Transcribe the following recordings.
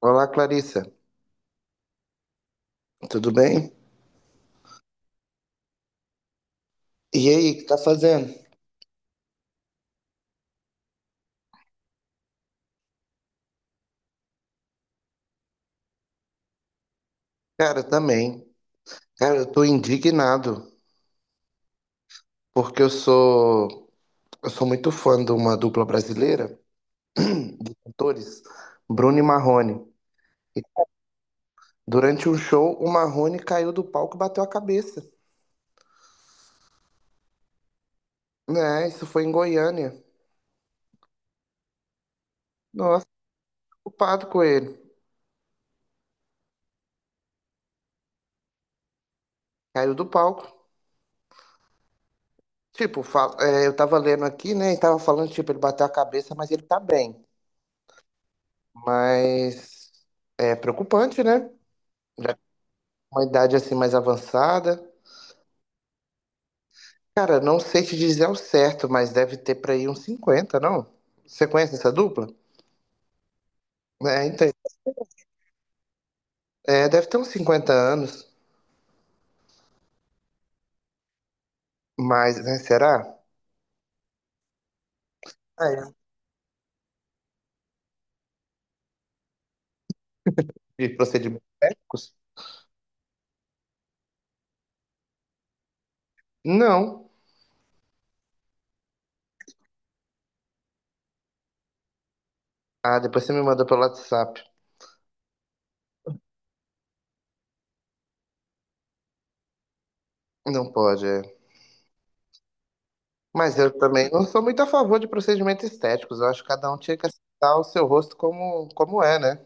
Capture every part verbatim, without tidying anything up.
Olá, Clarissa. Tudo bem? E aí, o que tá fazendo? Cara, também. Cara, eu tô indignado porque eu sou eu sou muito fã de uma dupla brasileira de cantores, Bruno e Marrone. E durante um show, o Marrone caiu do palco e bateu a cabeça. Né? Isso foi em Goiânia. Nossa, preocupado com ele. Caiu do palco. Tipo, fa- é, eu tava lendo aqui, né? E tava falando, tipo, ele bateu a cabeça, mas ele tá bem. Mas é preocupante, né? Uma idade assim mais avançada. Cara, não sei te dizer ao certo, mas deve ter pra aí uns cinquenta, não? Você conhece essa dupla? É, então, é, deve ter uns cinquenta anos, mas, né, será? Ah, é. De procedimentos médicos? Não. Ah, depois você me manda pelo WhatsApp. Não pode, é. Mas eu também não sou muito a favor de procedimentos estéticos. Eu acho que cada um tinha que aceitar o seu rosto como, como é, né?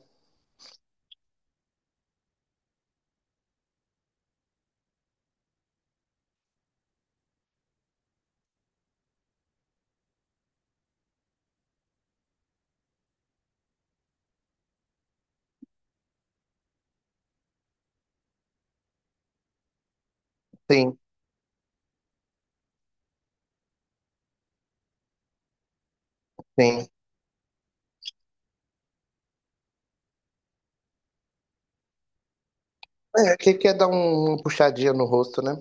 Sim, sim. É, que quer dar um- uma puxadinha no rosto, né?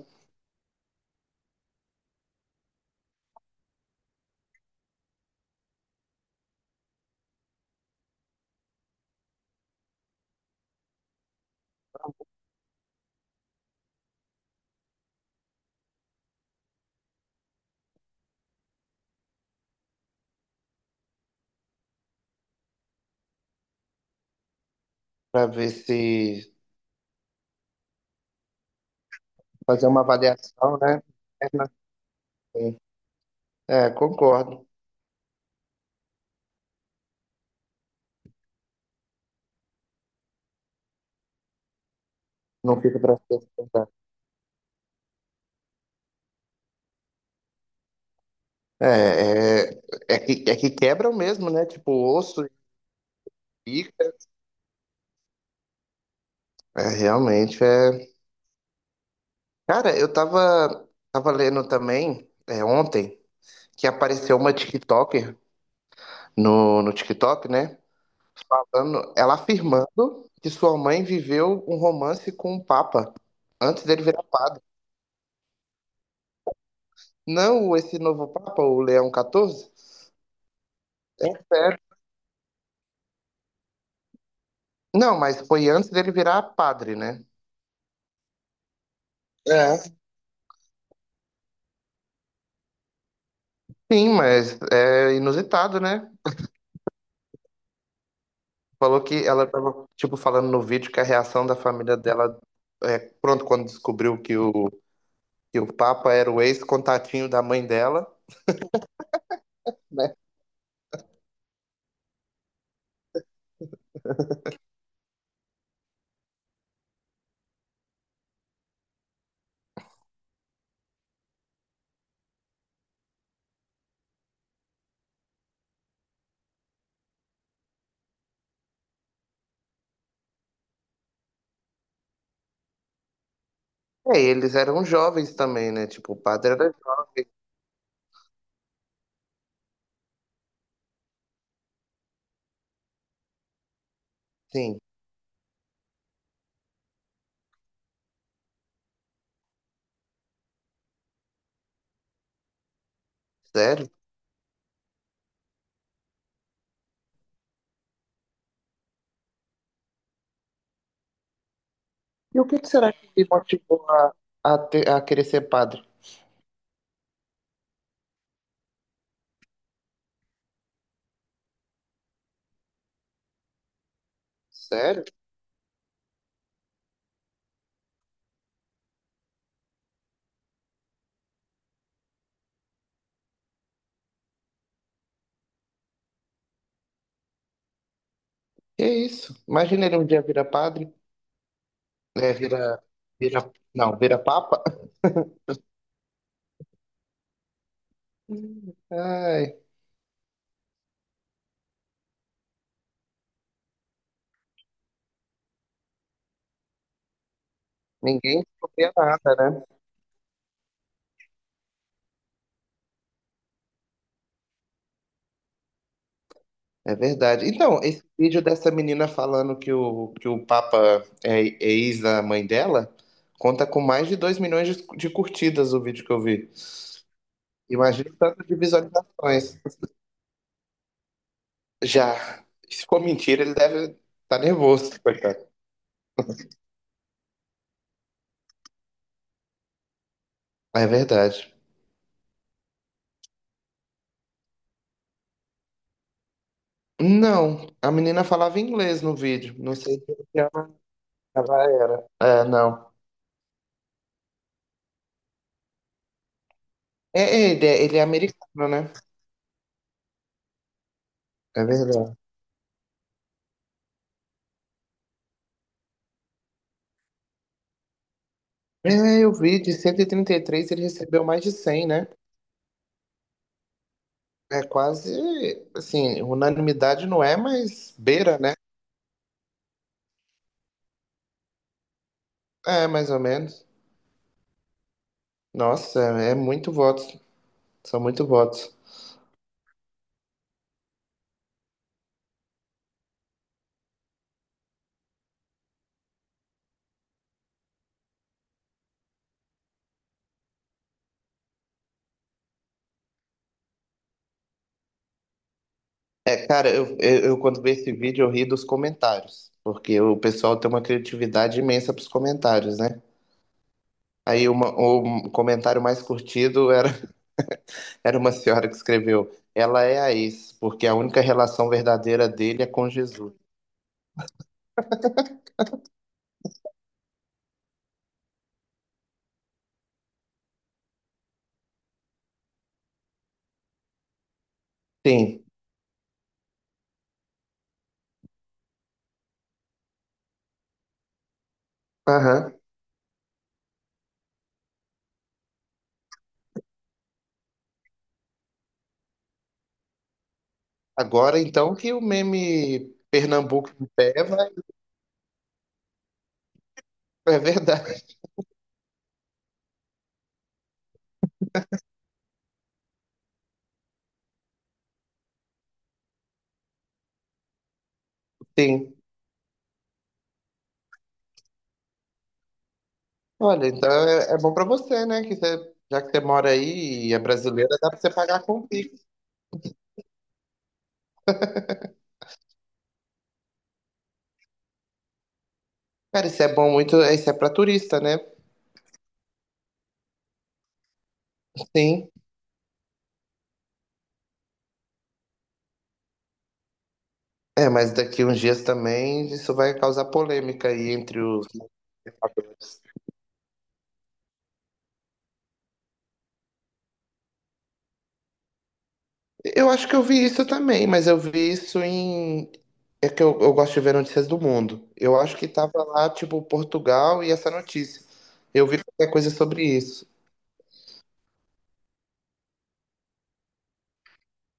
Pra ver se fazer uma avaliação, né? Interna, sim. É, concordo. Não fica para pensar. É, é, é que, é que quebram mesmo, né? Tipo, osso e pica. É, realmente é. Cara, eu tava, tava lendo também, é, ontem, que apareceu uma TikToker no, no TikTok, né? Falando, ela afirmando que sua mãe viveu um romance com o Papa antes dele virar padre. Não esse novo Papa, o Leão quatorze. Não, mas foi antes dele virar padre, né? É. Sim, mas é inusitado, né? Falou que ela tava, tipo, falando no vídeo que a reação da família dela é pronto quando descobriu que o, que o Papa era o ex-contatinho da mãe dela, né? É, eles eram jovens também, né? Tipo, o padre era jovem, sim. Sério? E o que que será que ele motivou a, a, ter- a querer ser padre? Sério? Que isso? Imagina ele um dia vira padre, né? Vira, vira, não, vira papa. Ai. Ninguém descobria nada, né? É verdade. Então, esse vídeo dessa menina falando que o, que o Papa é é ex da mãe dela conta com mais de dois milhões de, de curtidas o vídeo que eu vi. Imagina o tanto de visualizações. Já. Se for mentira, ele deve estar nervoso, coitado. É verdade. Não, a menina falava inglês no vídeo. Não sei se ela ela era. É, não. É, é, ele é, ele é americano, né? É verdade. É, eu vi, de cento e e trinta e três ele recebeu mais de cem né? É quase, assim, unanimidade não é, mas beira, né? É, mais ou menos. Nossa, é muito votos. São muito votos. É, cara, eu, eu, eu quando vi esse vídeo eu ri dos comentários, porque o pessoal tem uma criatividade imensa pros comentários, né? Aí uma, o comentário mais curtido era, era uma senhora que escreveu: Ela é a ex, porque a única relação verdadeira dele é com Jesus. Sim. Aham. Agora, então, que o meme Pernambuco em pé vai... É verdade, sim. Olha, então é, é bom pra você, né? Que você, já que você mora aí e é brasileira, dá pra você pagar com o Pix. Cara, isso é bom muito... Isso é pra turista, né? Sim. É, mas daqui uns dias também isso vai causar polêmica aí entre os... Eu acho que eu vi isso também, mas eu vi isso em. É que eu, eu gosto de ver notícias do mundo. Eu acho que tava lá, tipo, Portugal e essa notícia. Eu vi qualquer coisa sobre isso.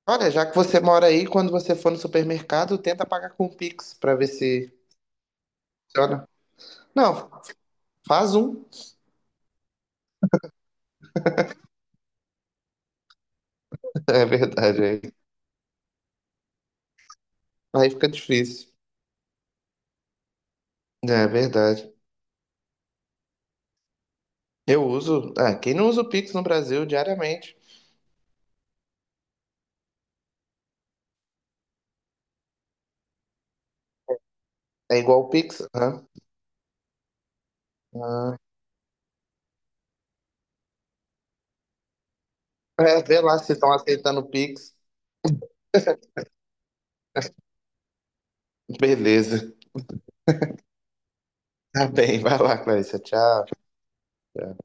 Olha, já que você mora aí, quando você for no supermercado, tenta pagar com o Pix pra ver se funciona. Não, faz um. É verdade, aí, aí fica difícil. É verdade. Eu uso. Ah, quem não usa o Pix no Brasil diariamente? É igual o Pix, né? Ah, é, vê lá se estão aceitando o Pix. Beleza. Tá bem, vai lá, Clarissa. Tchau. Tchau.